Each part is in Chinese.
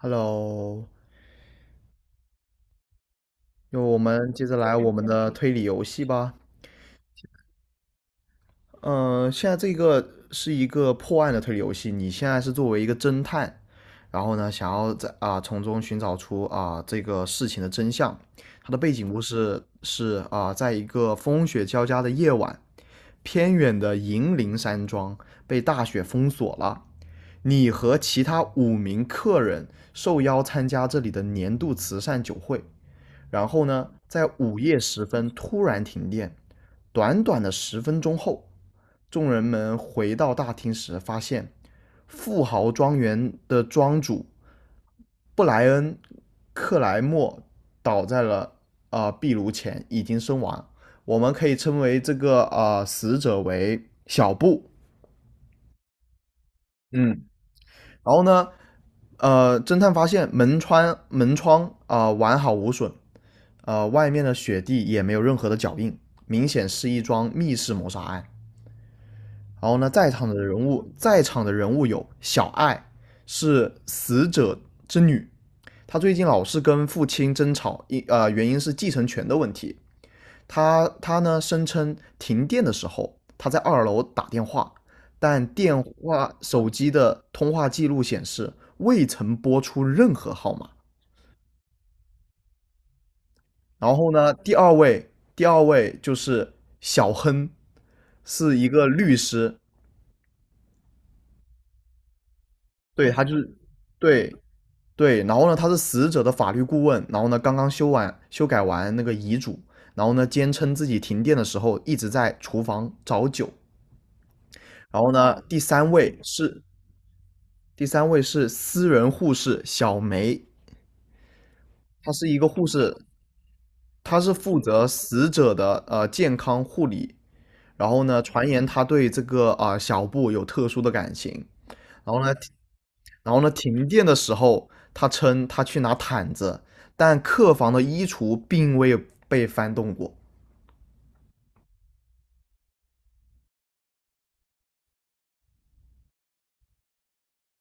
Hello，那我们接着来我们的推理游戏吧。嗯、现在这个是一个破案的推理游戏，你现在是作为一个侦探，然后呢，想要从中寻找出这个事情的真相。它的背景故事是在一个风雪交加的夜晚，偏远的银铃山庄被大雪封锁了。你和其他5名客人受邀参加这里的年度慈善酒会。然后呢，在午夜时分突然停电。短短的10分钟后，众人们回到大厅时，发现富豪庄园的庄主布莱恩·克莱默倒在了壁炉前，已经身亡。我们可以称为这个死者为小布。嗯，然后呢，侦探发现门窗完好无损，外面的雪地也没有任何的脚印，明显是一桩密室谋杀案。然后呢，在场的人物有小爱是死者之女，她最近老是跟父亲争吵，原因是继承权的问题。她呢声称停电的时候，她在2楼打电话，但电话手机的通话记录显示未曾拨出任何号码。然后呢，第二位就是小亨，是一个律师，对，他就是，对对，然后呢，他是死者的法律顾问，然后呢，刚刚修改完那个遗嘱，然后呢，坚称自己停电的时候一直在厨房找酒，然后呢，第三位是私人护士小梅，她是一个护士，她是负责死者的健康护理然后呢，传言他对这个小布有特殊的感情。然后呢，然后呢，停电的时候，他称他去拿毯子，但客房的衣橱并未被翻动过。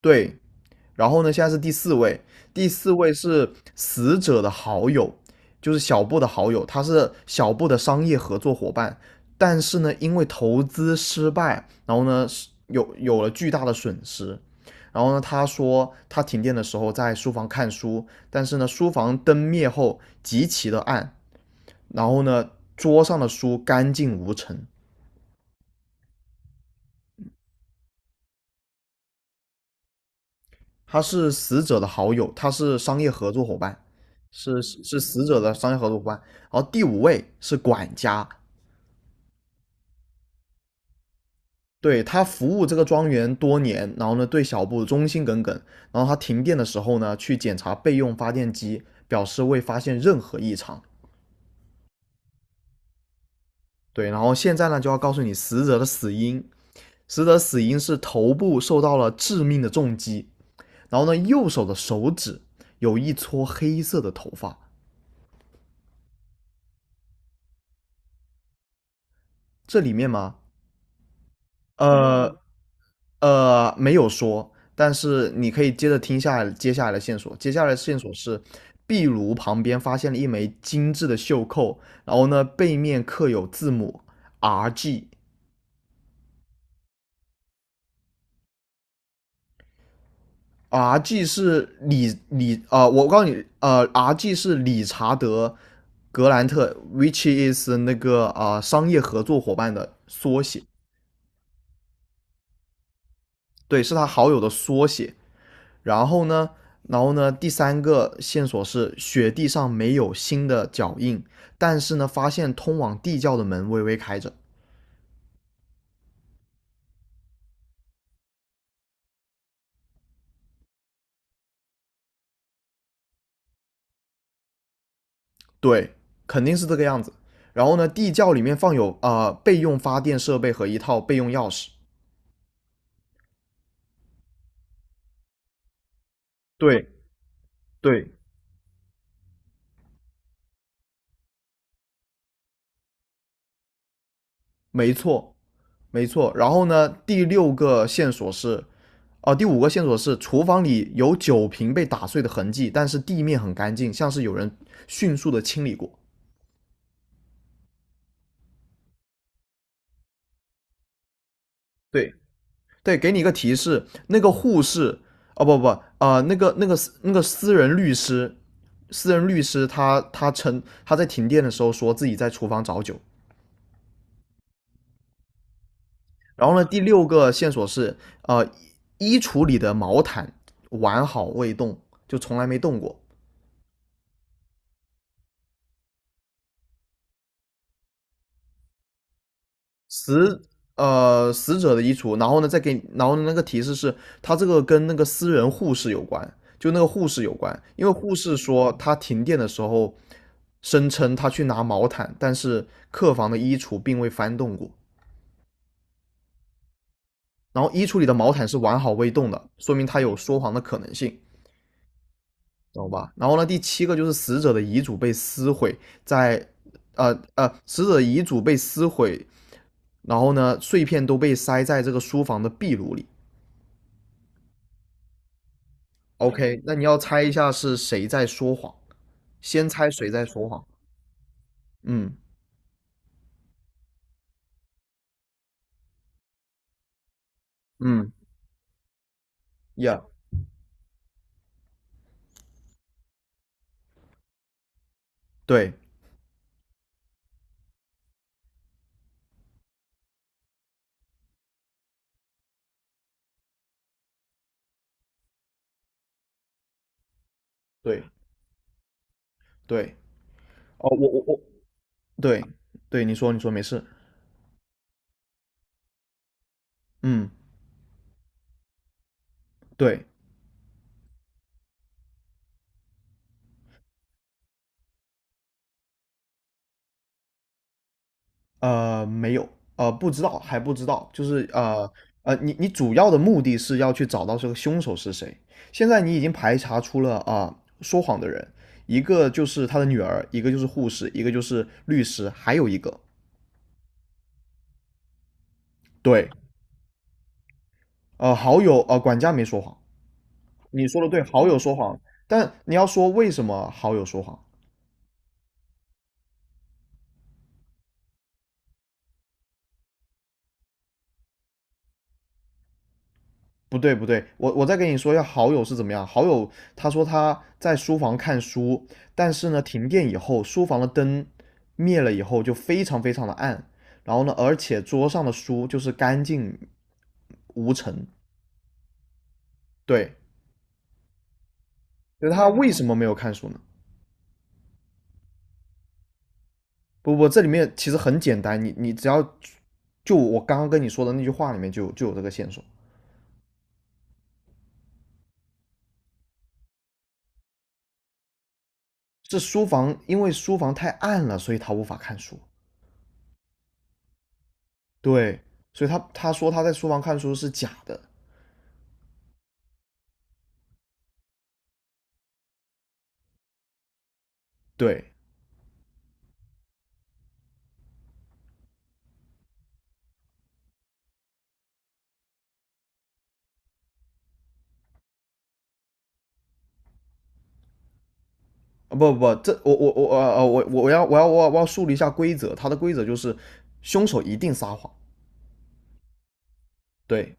对，然后呢，现在是第四位，第四位是死者的好友，就是小布的好友，他是小布的商业合作伙伴，但是呢，因为投资失败，然后呢，有了巨大的损失。然后呢，他说他停电的时候在书房看书，但是呢，书房灯灭后极其的暗，然后呢，桌上的书干净无尘。他是死者的好友，他是商业合作伙伴，是死者的商业合作伙伴。然后第五位是管家，对他服务这个庄园多年，然后呢对小布忠心耿耿。然后他停电的时候呢，去检查备用发电机，表示未发现任何异常。对，然后现在呢就要告诉你死者的死因，是头部受到了致命的重击，然后呢右手的手指有一撮黑色的头发，这里面吗？呃，没有说，但是你可以接着听下来接下来的线索。接下来的线索是，壁炉旁边发现了一枚精致的袖扣，然后呢，背面刻有字母 R G。R G 是理理呃，我告诉你，R G 是理查德格兰特，which is 那个商业合作伙伴的缩写，对，是他好友的缩写。然后呢，第三个线索是雪地上没有新的脚印，但是呢，发现通往地窖的门微微开着。对，肯定是这个样子。然后呢，地窖里面放有备用发电设备和一套备用钥匙。对对，没错没错。然后呢，第五个线索是厨房里有酒瓶被打碎的痕迹，但是地面很干净，像是有人迅速的清理过。对，对，给你一个提示，那个护士，哦不不那个私人律师，私人律师他称他在停电的时候说自己在厨房找酒。然后呢，第六个线索是，呃，衣橱里的毛毯完好未动，就从来没动过。死死者的衣橱，然后呢再给，然后呢那个提示是，他这个跟那个私人护士有关，就那个护士有关，因为护士说他停电的时候声称他去拿毛毯，但是客房的衣橱并未翻动过，然后衣橱里的毛毯是完好未动的，说明他有说谎的可能性，懂吧？然后呢，第七个就是死者的遗嘱被撕毁，在呃呃，死者的遗嘱被撕毁，然后呢，碎片都被塞在这个书房的壁炉里。OK，那你要猜一下是谁在说谎？先猜谁在说谎？嗯嗯，Yeah，对对对，哦，我我我，对对，你说没事，嗯。对，没有，不知道，还不知道，就是你主要的目的是要去找到这个凶手是谁。现在你已经排查出了说谎的人，一个就是他的女儿，一个就是护士，一个就是律师，还有一个对，好友呃管家没说谎，你说的对，好友说谎，但你要说为什么好友说谎，不对不对，我再跟你说一下好友是怎么样。好友他说他在书房看书，但是呢，停电以后，书房的灯灭了以后就非常非常的暗，然后呢，而且桌上的书就是干净无尘。对，就是他为什么没有看书呢？不不，这里面其实很简单，你只要就我刚刚跟你说的那句话里面就有这个线索，是书房因为书房太暗了，所以他无法看书。对，所以他说他在书房看书是假的。对，啊不不不，这我要树立一下规则，它的规则就是凶手一定撒谎，对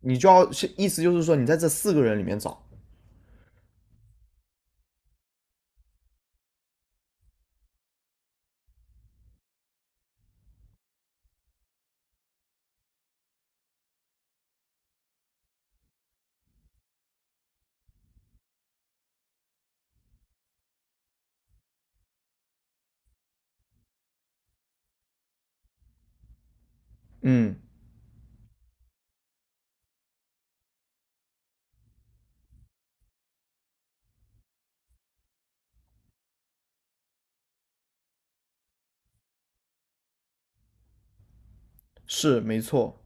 你就要意思就是说你在这四个人里面找，嗯，是没错，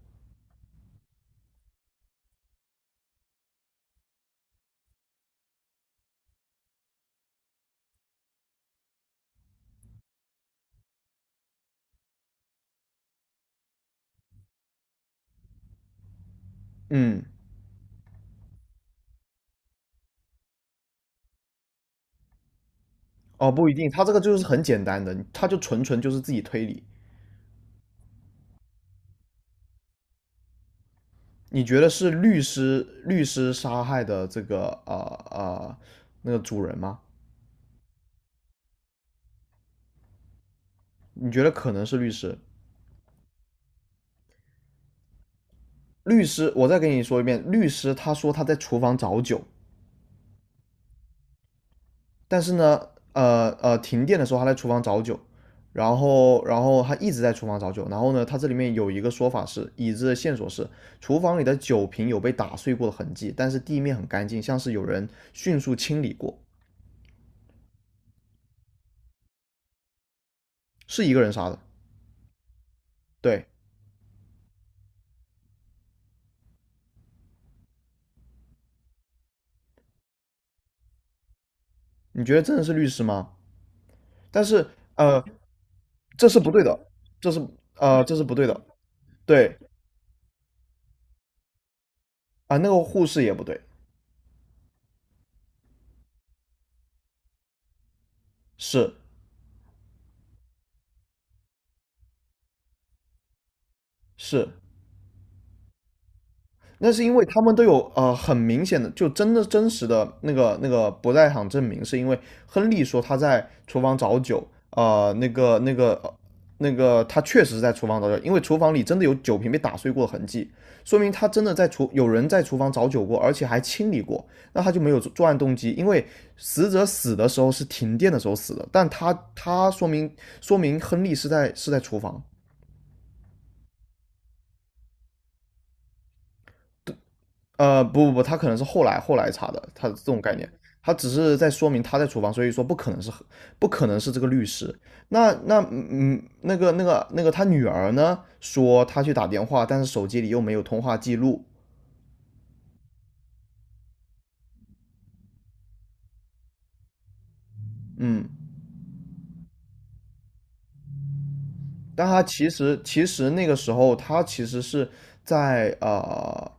嗯，哦不一定，他这个就是很简单的，他就纯纯就是自己推理，你觉得是律师杀害的这个呃那个主人吗？你觉得可能是律师？律师，我再跟你说一遍，律师他说他在厨房找酒，但是呢，停电的时候他在厨房找酒，然后他一直在厨房找酒，然后呢，他这里面有一个说法是，已知的线索是厨房里的酒瓶有被打碎过的痕迹，但是地面很干净，像是有人迅速清理过，是一个人杀的。对，你觉得真的是律师吗？但是呃，这是不对的，这是这是不对的。对啊，那个护士也不对，是是，那是因为他们都有很明显的，就真的真实的那个不在场证明，是因为亨利说他在厨房找酒，呃，那个那个呃那个他确实是在厨房找酒，因为厨房里真的有酒瓶被打碎过的痕迹，说明他真的有人在厨房找酒过，而且还清理过，那他就没有作案动机，因为死者死的时候是停电的时候死的，但他说明亨利是在厨房，不不不，他可能是后来查的，他这种概念，他只是在说明他在厨房，所以说不可能是这个律师。那那嗯，嗯那个那个那个他女儿呢，说他去打电话，但是手机里又没有通话记录，嗯，但他其实那个时候他其实是在呃，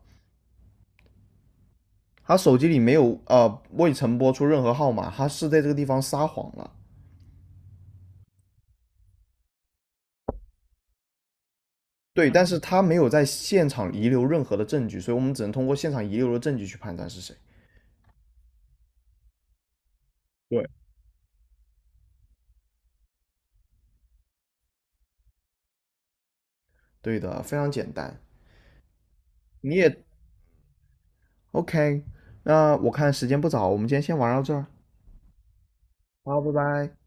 他手机里没有未曾拨出任何号码，他是在这个地方撒谎了。对，但是他没有在现场遗留任何的证据，所以我们只能通过现场遗留的证据去判断是谁。对，对的，非常简单。你也 OK，那我看时间不早，我们今天先玩到这儿。好，拜拜。